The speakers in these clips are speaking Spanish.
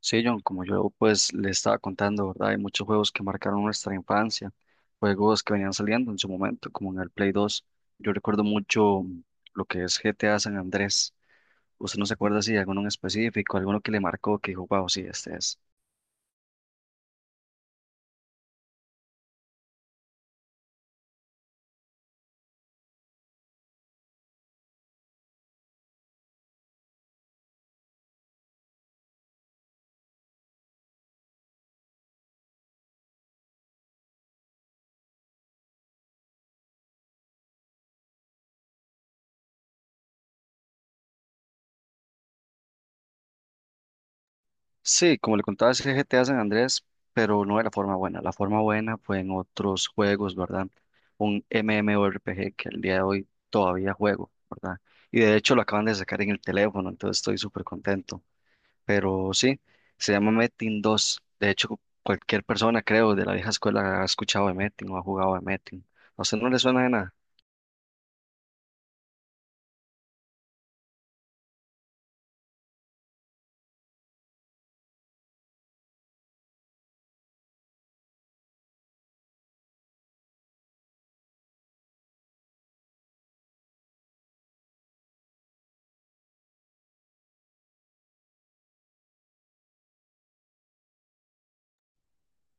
Sí, John, como yo pues le estaba contando, ¿verdad? Hay muchos juegos que marcaron nuestra infancia, juegos que venían saliendo en su momento, como en el Play 2. Yo recuerdo mucho lo que es GTA San Andrés. ¿Usted no se acuerda si de alguno en específico, alguno que le marcó, que dijo, wow, sí, este es? Sí, como le contaba, es GTA San Andrés, pero no de la forma buena. La forma buena fue en otros juegos, ¿verdad? Un MMORPG que al día de hoy todavía juego, ¿verdad? Y de hecho lo acaban de sacar en el teléfono, entonces estoy súper contento. Pero sí, se llama Metin 2. De hecho, cualquier persona, creo, de la vieja escuela ha escuchado de Metin o ha jugado de Metin. ¿A usted no le suena de nada?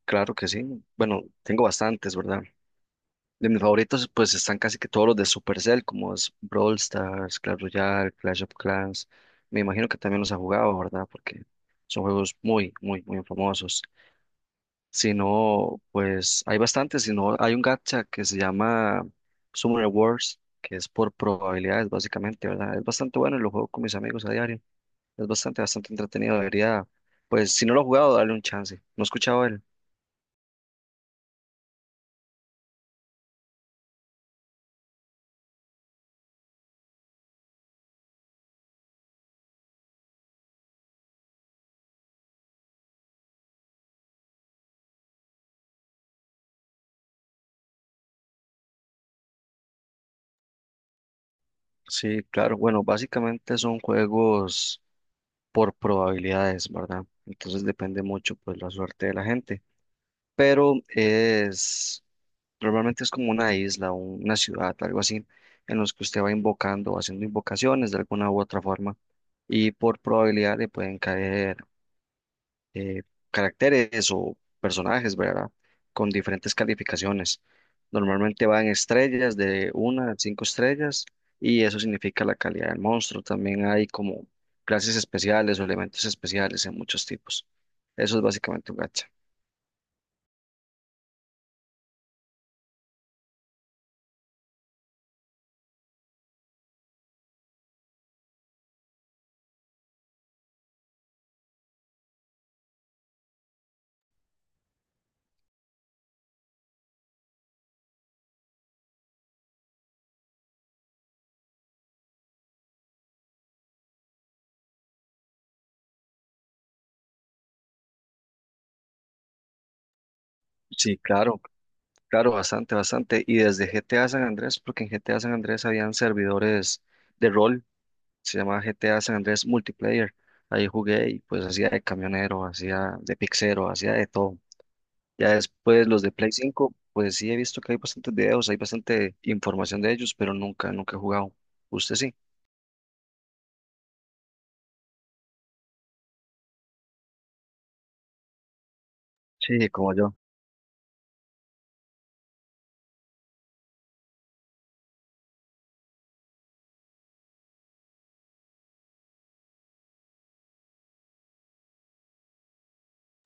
Claro que sí. Bueno, tengo bastantes, ¿verdad? De mis favoritos, pues están casi que todos los de Supercell, como es Brawl Stars, Clash Royale, Clash of Clans. Me imagino que también los ha jugado, ¿verdad? Porque son juegos muy, muy, muy famosos. Si no, pues hay bastantes. Si no, hay un gacha que se llama Summoner Wars, que es por probabilidades, básicamente, ¿verdad? Es bastante bueno y lo juego con mis amigos a diario. Es bastante, bastante entretenido. Debería, pues, si no lo he jugado, darle un chance. No he escuchado él. Sí, claro. Bueno, básicamente son juegos por probabilidades, ¿verdad? Entonces depende mucho, pues, la suerte de la gente. Pero es. Normalmente es como una isla, una ciudad, algo así, en los que usted va invocando o haciendo invocaciones de alguna u otra forma y por probabilidad le pueden caer eh, caracteres o personajes, ¿verdad? Con diferentes calificaciones. Normalmente van estrellas de una a cinco estrellas y eso significa la calidad del monstruo. También hay como clases especiales o elementos especiales en muchos tipos. Eso es básicamente un gacha. Sí, claro. Claro, bastante, bastante. Y desde GTA San Andrés, porque en GTA San Andrés habían servidores de rol, se llamaba GTA San Andrés Multiplayer. Ahí jugué y pues hacía de camionero, hacía de pixero, hacía de todo. Ya después los de Play 5, pues sí he visto que hay bastantes videos, hay bastante información de ellos, pero nunca, nunca he jugado. ¿Usted sí? Sí, como yo.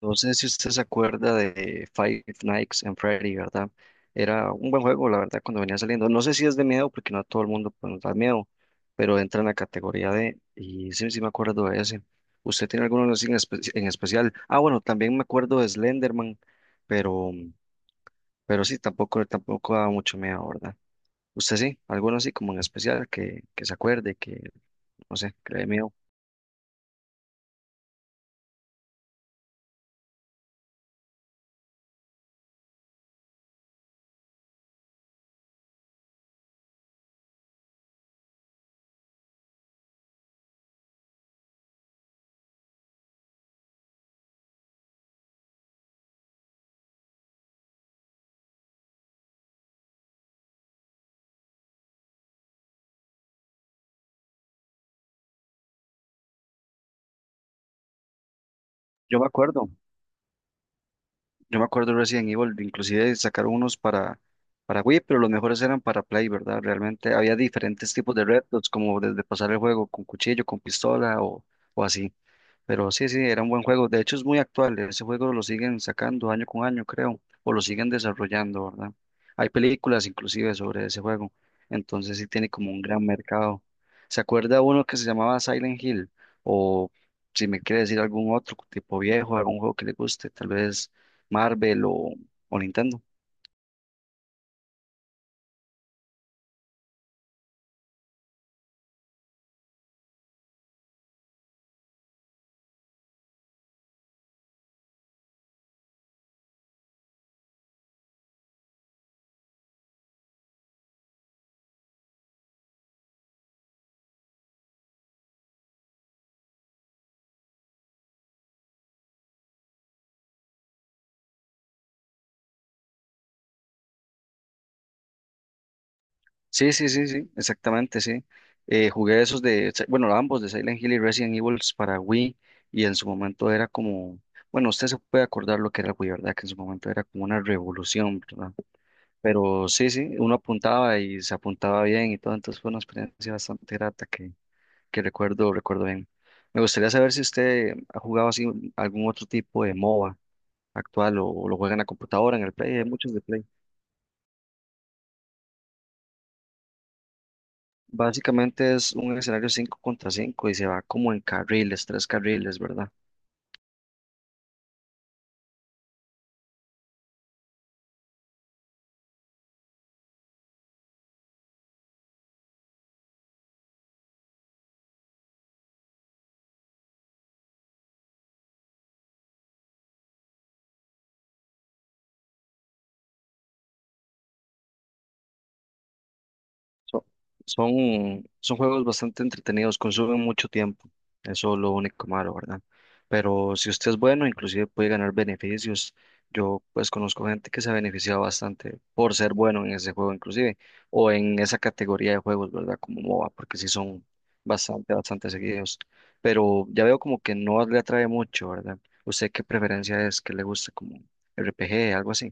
No sé si usted se acuerda de Five Nights and Freddy, ¿verdad? Era un buen juego, la verdad, cuando venía saliendo. No sé si es de miedo, porque no a todo el mundo pues, nos da miedo, pero entra en la categoría de, y sí, sí me acuerdo de ese. ¿Usted tiene alguno así en especial? Ah, bueno, también me acuerdo de Slenderman, pero, pero sí, tampoco, tampoco da mucho miedo, ¿verdad? ¿Usted sí? ¿Alguno así como en especial que se acuerde, que, no sé, que le dé miedo? Yo me acuerdo. Yo me acuerdo de Resident Evil, inclusive sacaron unos para Wii, pero los mejores eran para Play, ¿verdad? Realmente había diferentes tipos de retos, como desde pasar el juego con cuchillo, con pistola o así. Pero sí, sí, era un buen juego. De hecho, es muy actual. Ese juego lo siguen sacando año con año, creo, o lo siguen desarrollando, ¿verdad? Hay películas inclusive sobre ese juego. Entonces sí tiene como un gran mercado. ¿Se acuerda uno que se llamaba Silent Hill? O si me quiere decir algún otro tipo viejo, algún juego que le guste, tal vez Marvel o Nintendo. Sí, sí, sí, sí, exactamente, sí. Jugué esos de, Si- bueno, ambos de Silent Hill y Resident Evil para Wii y en su momento era como, bueno, usted se puede acordar lo que era el Wii, ¿verdad? Que en su momento era como una revolución, ¿verdad? Pero sí, sí, uno apuntaba y se apuntaba bien y todo, entonces fue una experiencia bastante grata que recuerdo, recuerdo bien. Me gustaría saber si usted ha jugado así algún otro tipo de MOBA actual o, lo juega en la computadora, en el Play, hay muchos de Play. Básicamente es un escenario 5 contra 5 y se va como en carriles, tres carriles, ¿verdad? Son, son juegos bastante entretenidos, consumen mucho tiempo, eso es lo único malo, ¿verdad? Pero si usted es bueno, inclusive puede ganar beneficios. Yo pues conozco gente que se ha beneficiado bastante por ser bueno en ese juego inclusive, o en esa categoría de juegos, ¿verdad? Como MOBA, porque sí son bastante, bastante seguidos. Pero ya veo como que no le atrae mucho, ¿verdad? ¿Usted qué preferencia es? ¿Qué le gusta como RPG, algo así?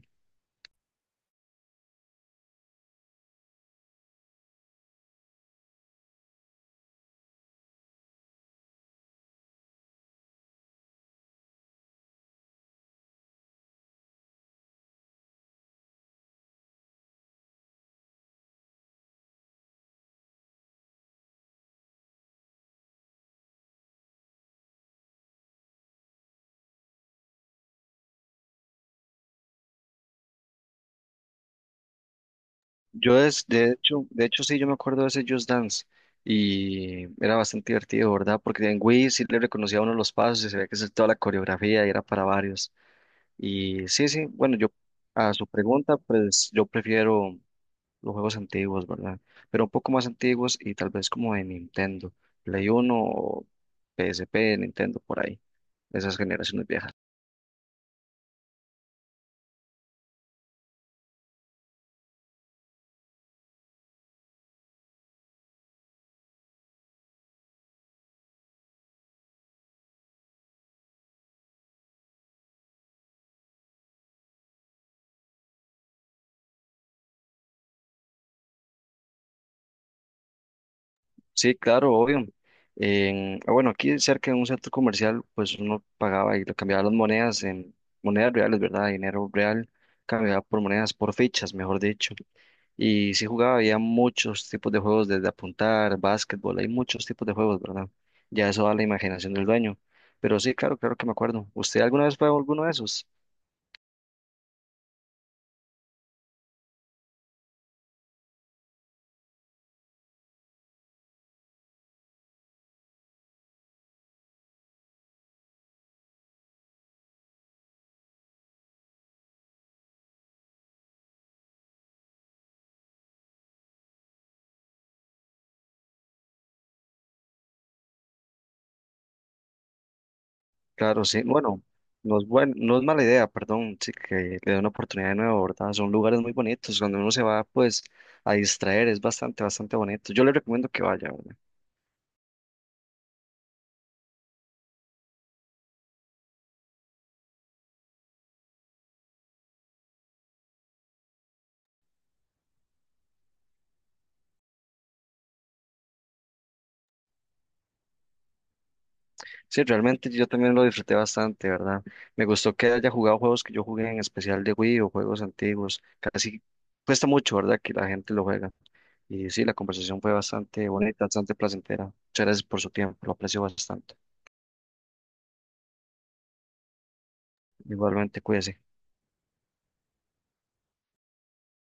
De hecho sí, yo me acuerdo de ese Just Dance y era bastante divertido, ¿verdad? Porque en Wii sí le reconocía a uno los pasos y se veía que es toda la coreografía y era para varios. Y sí, sí, bueno, yo a su pregunta, pues yo prefiero los juegos antiguos, ¿verdad? Pero un poco más antiguos y tal vez como de Nintendo, Play 1 o PSP, Nintendo por ahí, esas generaciones viejas. Sí, claro, obvio. Ah, bueno, aquí cerca de un centro comercial, pues uno pagaba y lo cambiaba las monedas en monedas reales, ¿verdad? Dinero real, cambiaba por monedas, por fichas, mejor dicho. Y sí jugaba, había muchos tipos de juegos, desde apuntar, básquetbol, hay muchos tipos de juegos, ¿verdad? Ya eso da la imaginación del dueño. Pero sí, claro, claro que me acuerdo. ¿Usted alguna vez fue a alguno de esos? Claro, sí. Bueno, no es mala idea, perdón, sí, que le dé una oportunidad de nuevo, ¿verdad? Son lugares muy bonitos. Cuando uno se va, pues, a distraer, es bastante, bastante bonito. Yo le recomiendo que vaya, ¿verdad? Sí, realmente yo también lo disfruté bastante, ¿verdad? Me gustó que haya jugado juegos que yo jugué en especial de Wii o juegos antiguos. Casi cuesta mucho, ¿verdad? Que la gente lo juega. Y sí, la conversación fue bastante bonita, bastante placentera. Muchas gracias por su tiempo, lo aprecio bastante. Igualmente, cuídese.